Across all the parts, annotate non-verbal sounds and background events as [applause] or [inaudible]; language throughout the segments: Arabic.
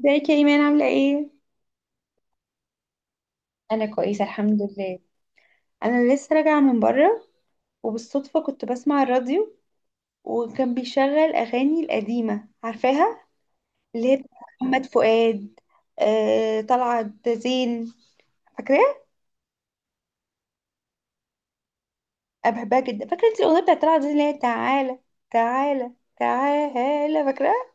ازيك يا ايمان؟ عامله ايه؟ انا كويسه الحمد لله. انا لسه راجعه من بره، وبالصدفه كنت بسمع الراديو، وكان بيشغل اغاني القديمه، عارفاها؟ اللي هي بتاعت محمد فؤاد، آه، طلعت زين، فاكراها؟ انا بحبها جدا. فاكره انت الاغنيه بتاعت طلعت زين اللي هي تعالى، تعالى، تعالى، فاكراها؟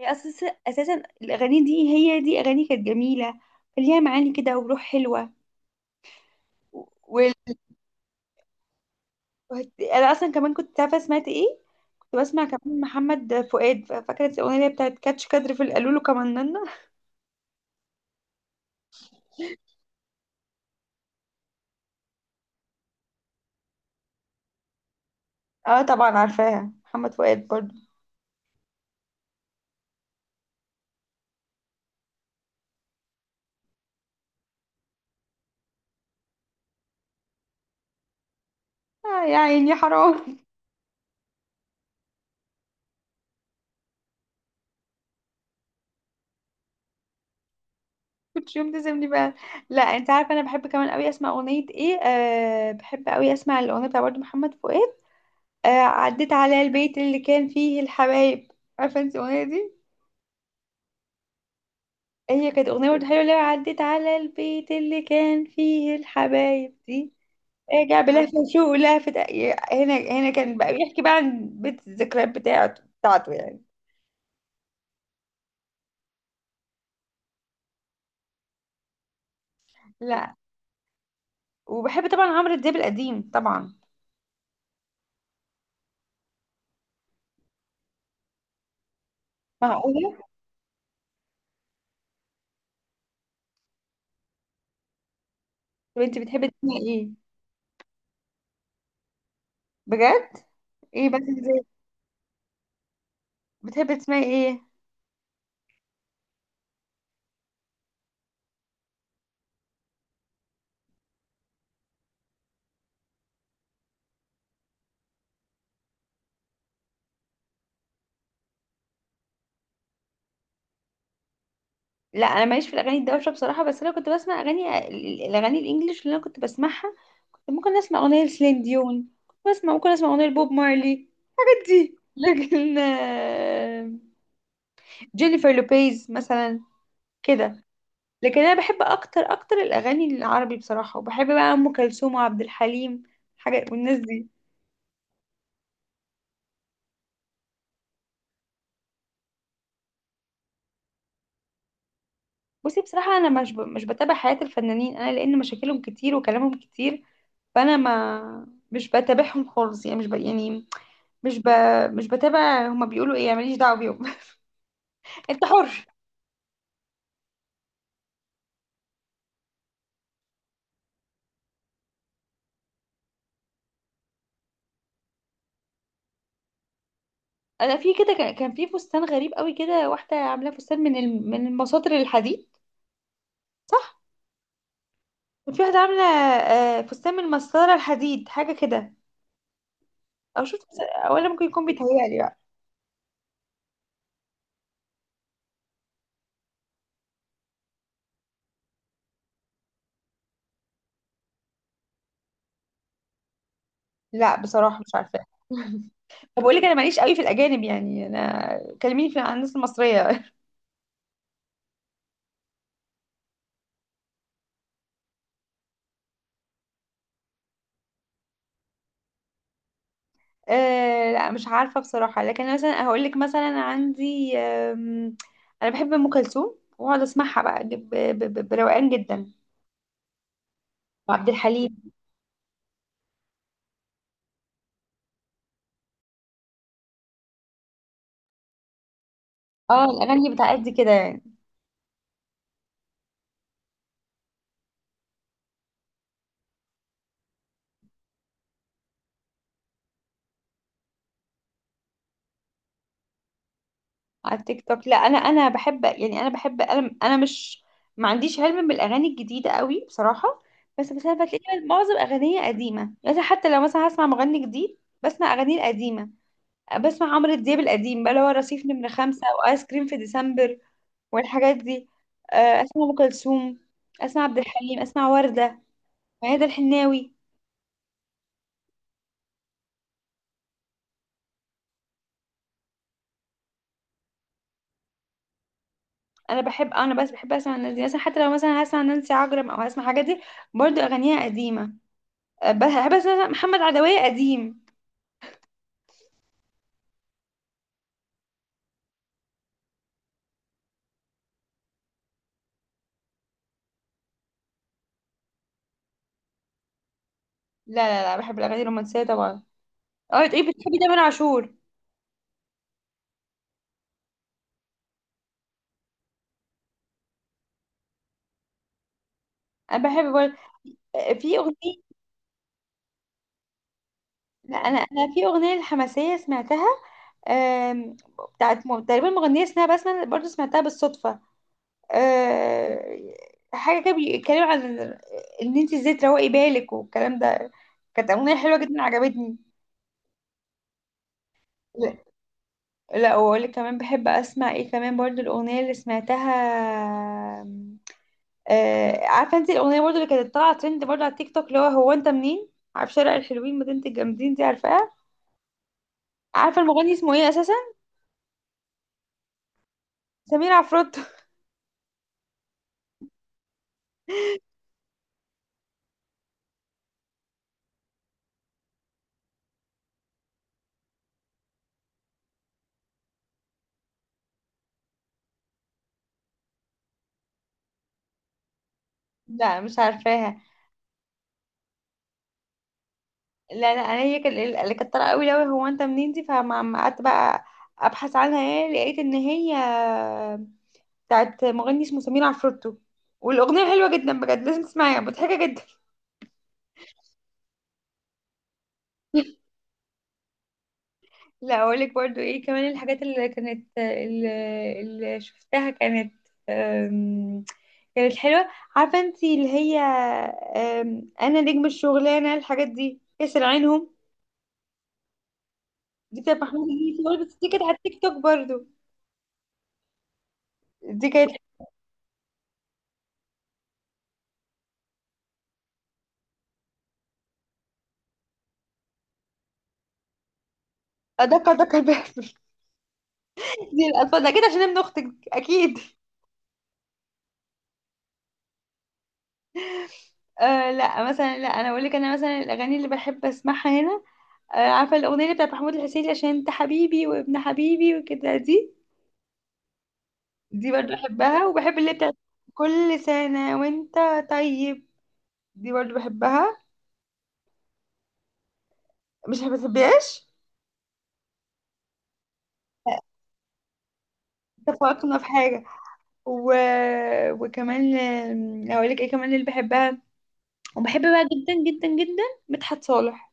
هي اساسا الاغاني دي، هي دي اغاني كانت جميله، كان ليها معاني كده وروح حلوه. انا اصلا كمان كنت عارفه سمعت ايه. كنت بسمع كمان محمد فؤاد، فاكره الاغنيه اللي هي بتاعت كاتش كادر في القالولو كمننا. اه طبعا عارفاها، محمد فؤاد برضو. آه يا عيني حرام. [laughs] كنت يوم تزمني بقى. لا انت عارفه انا بحب كمان قوي اسمع اغنيه ايه، آه بحب قوي اسمع الاغنيه بتاع برضو محمد فؤاد، آه عديت على البيت اللي كان فيه الحبايب. عارفه انت الاغنيه دي؟ هي كانت اغنيه برضو حلوه، اللي هي عديت على البيت اللي كان فيه الحبايب دي. رجع بلهفة شوق ولهفة. هنا كان بقى بيحكي بقى عن بيت الذكريات بتاعته يعني. لا. وبحب طبعا عمرو دياب القديم طبعا. معقولة؟ طب انت بتحبي تسمعي ايه؟ بجد؟ ايه بس ازاي؟ بتحبي تسمعي ايه؟ لا انا ماليش في الاغاني الدوشه بصراحه، بس انا كنت بسمع اغاني، الاغاني الانجليش اللي انا كنت بسمعها. كنت ممكن اسمع اغنيه لسلين ديون، كنت بسمع ممكن اسمع اغنيه لبوب مارلي. [laughs] دي لكن آه، جينيفر لوبيز مثلا، كده. لكن انا بحب اكتر اكتر الاغاني العربي بصراحه، وبحب بقى ام كلثوم وعبد الحليم حاجه والناس دي. بصي بصراحه انا مش بتابع حياه الفنانين انا، لان مشاكلهم كتير وكلامهم كتير. فانا ما مش بتابعهم خالص يعني، مش ب... يعني مش ب... مش بتابع هما بيقولوا ايه، ماليش دعوه بيهم. [laughs] انت حر. انا في كده كان في فستان غريب قوي كده، واحده عاملاه فستان من من المساطر الحديد، صح؟ في واحده عامله آه، فستان من مسطره الحديد حاجه كده، او شفت؟ او انا ممكن يكون بيتهيألي. لا بصراحة مش عارفة. [laughs] طب بقول لك انا ماليش قوي في الاجانب يعني، انا كلميني في عن الناس المصريه. [laughs] آه لا مش عارفه بصراحه، لكن أنا مثلا هقول لك مثلا عندي آم، انا بحب ام كلثوم واقعد اسمعها بقى بروقان جدا، وعبد الحليم. اه الاغاني بتاعت دي كده يعني. على التيك توك. لا انا بحب يعني، انا بحب انا مش، ما عنديش علم بالاغاني الجديده قوي بصراحه. بس انا بتلاقي معظم اغانيه قديمه يعني، حتى لو مثلا هسمع مغني جديد بسمع اغانيه القديمه. بسمع عمرو دياب القديم بقى اللي هو رصيف نمرة خمسة، وآيس كريم في ديسمبر، والحاجات دي. آه، أسمع أم كلثوم، أسمع عبد الحليم، أسمع وردة، ميادة الحناوي. أنا بحب، أنا بس بحب أسمع الناس دي مثلا، حتى لو مثلا هسمع نانسي عجرم أو هسمع حاجات دي، برضو أغانيها قديمة. آه، بحب أسمع محمد عدوية قديم. لا لا لا بحب الأغاني الرومانسية طبعا. اه تقولي بتحبي تامر عاشور؟ أنا بحب برضه آه، في أغنية. لا أنا، أنا في أغنية الحماسية سمعتها، آم، بتاعت تقريبا مغنية اسمها بسمة، برضه سمعتها بالصدفة، آه، حاجه كده بيتكلم عن ان انت ازاي تروقي بالك والكلام ده. كانت اغنيه حلوه جدا عجبتني. لا. لا، واقول لك كمان بحب اسمع ايه كمان برضو، الاغنيه اللي سمعتها، آه، عارفه انت الاغنيه برضو اللي كانت طالعه ترند برضو على التيك توك، اللي هو هو انت منين، عارف شارع الحلوين مدينه الجامدين دي، عارفاها؟ عارفه المغني اسمه ايه اساسا؟ سمير عفروتو. [laughs] لا مش عارفاها. لا لا انا هي كان-، اللي كانت طالعه قوي قوي هو انت منين دي، فما ما قعدت بقى ابحث عنها ايه، لقيت ان هي بتاعت مغني اسمه سمير عفروتو، والاغنيه حلوه جدا بجد لازم تسمعيها، مضحكه جدا. لا اقول لك برضو ايه كمان، الحاجات اللي كانت اللي شفتها كانت أم، كانت حلوه. عارفه انت اللي هي أم، انا نجم الشغلانه، الحاجات دي كسر عينهم، دي بتاعت محمود يوسف، بس دي كانت على التيك توك برضو. دي كانت أدق أدق الباب، دي الألفاظ ده كده عشان ابن أختك أكيد. آه لا مثلا، لا أنا أقول لك، أنا مثلا الأغاني اللي بحب أسمعها هنا، آه عارفة الأغنية اللي بتاعت محمود الحسيني عشان أنت حبيبي وابن حبيبي وكده دي؟ دي برضو بحبها، وبحب اللي بتاعت كل سنة وأنت طيب، دي برضو بحبها، مش بتحبهاش؟ اتفقنا في حاجة. و... وكمان آم، أقول لك إيه كمان اللي بحبها وبحب بقى جدا جدا جدا، مدحت صالح.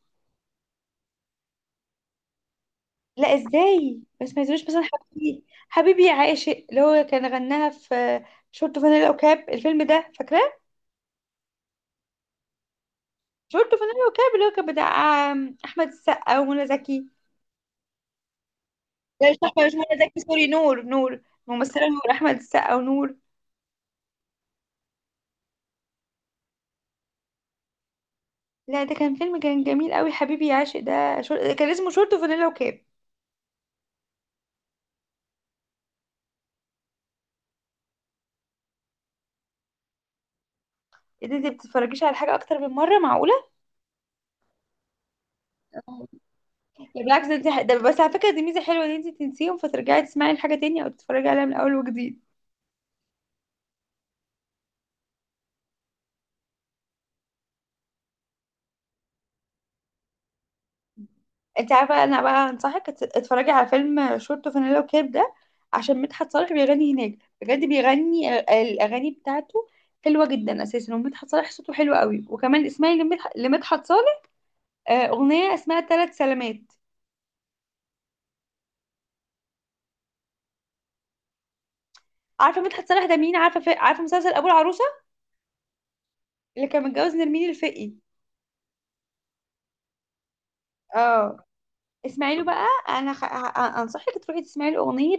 لا ازاي بس، ما ينزلوش مثلا حبيبي حبيبي يا عاشق، اللي هو كان غناها في شورت فانيلا وكاب، الفيلم ده فاكراه؟ شورت فانيلا وكاب اللي هو كان بتاع آم، احمد السقا ومنى زكي. لا مش احمد، مش منى زكي، سوري، نور، نور الممثله نور، احمد السقا ونور. لا ده كان فيلم كان جميل قوي، حبيبي يا عاشق ده، كان اسمه شورت فانيلا وكاب. ايه ده، انت بتتفرجيش على حاجه اكتر من مره، معقوله؟ ده بالعكس، ده بس على فكره دي ميزه حلوه ان انت تنسيهم، فترجعي تسمعي الحاجه تاني او تتفرجي عليها من اول وجديد. انت عارفه انا بقى هنصحك اتفرجي على فيلم شورت وفانيلا وكاب ده، عشان مدحت صالح بيغني هناك بجد، بيغني الاغاني بتاعته، حلوه جدا اساسا، ومدحت صالح صوته حلو قوي. وكمان اسمعي لمدحت صالح آه، اغنيه اسمها ثلاث سلامات. عارفه مدحت صالح ده مين؟ عارفه مسلسل ابو العروسه، اللي كان متجوز نرمين الفقي؟ اه. اسمعي له بقى، انصحك تروحي تسمعي له اغنيه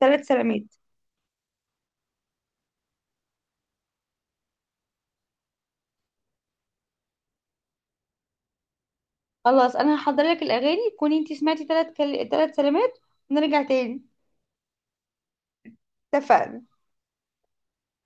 ثلاث سلامات. خلاص انا هحضر لك الاغاني، تكوني انت سمعتي ثلاث سلامات، ونرجع تاني. اتفقنا؟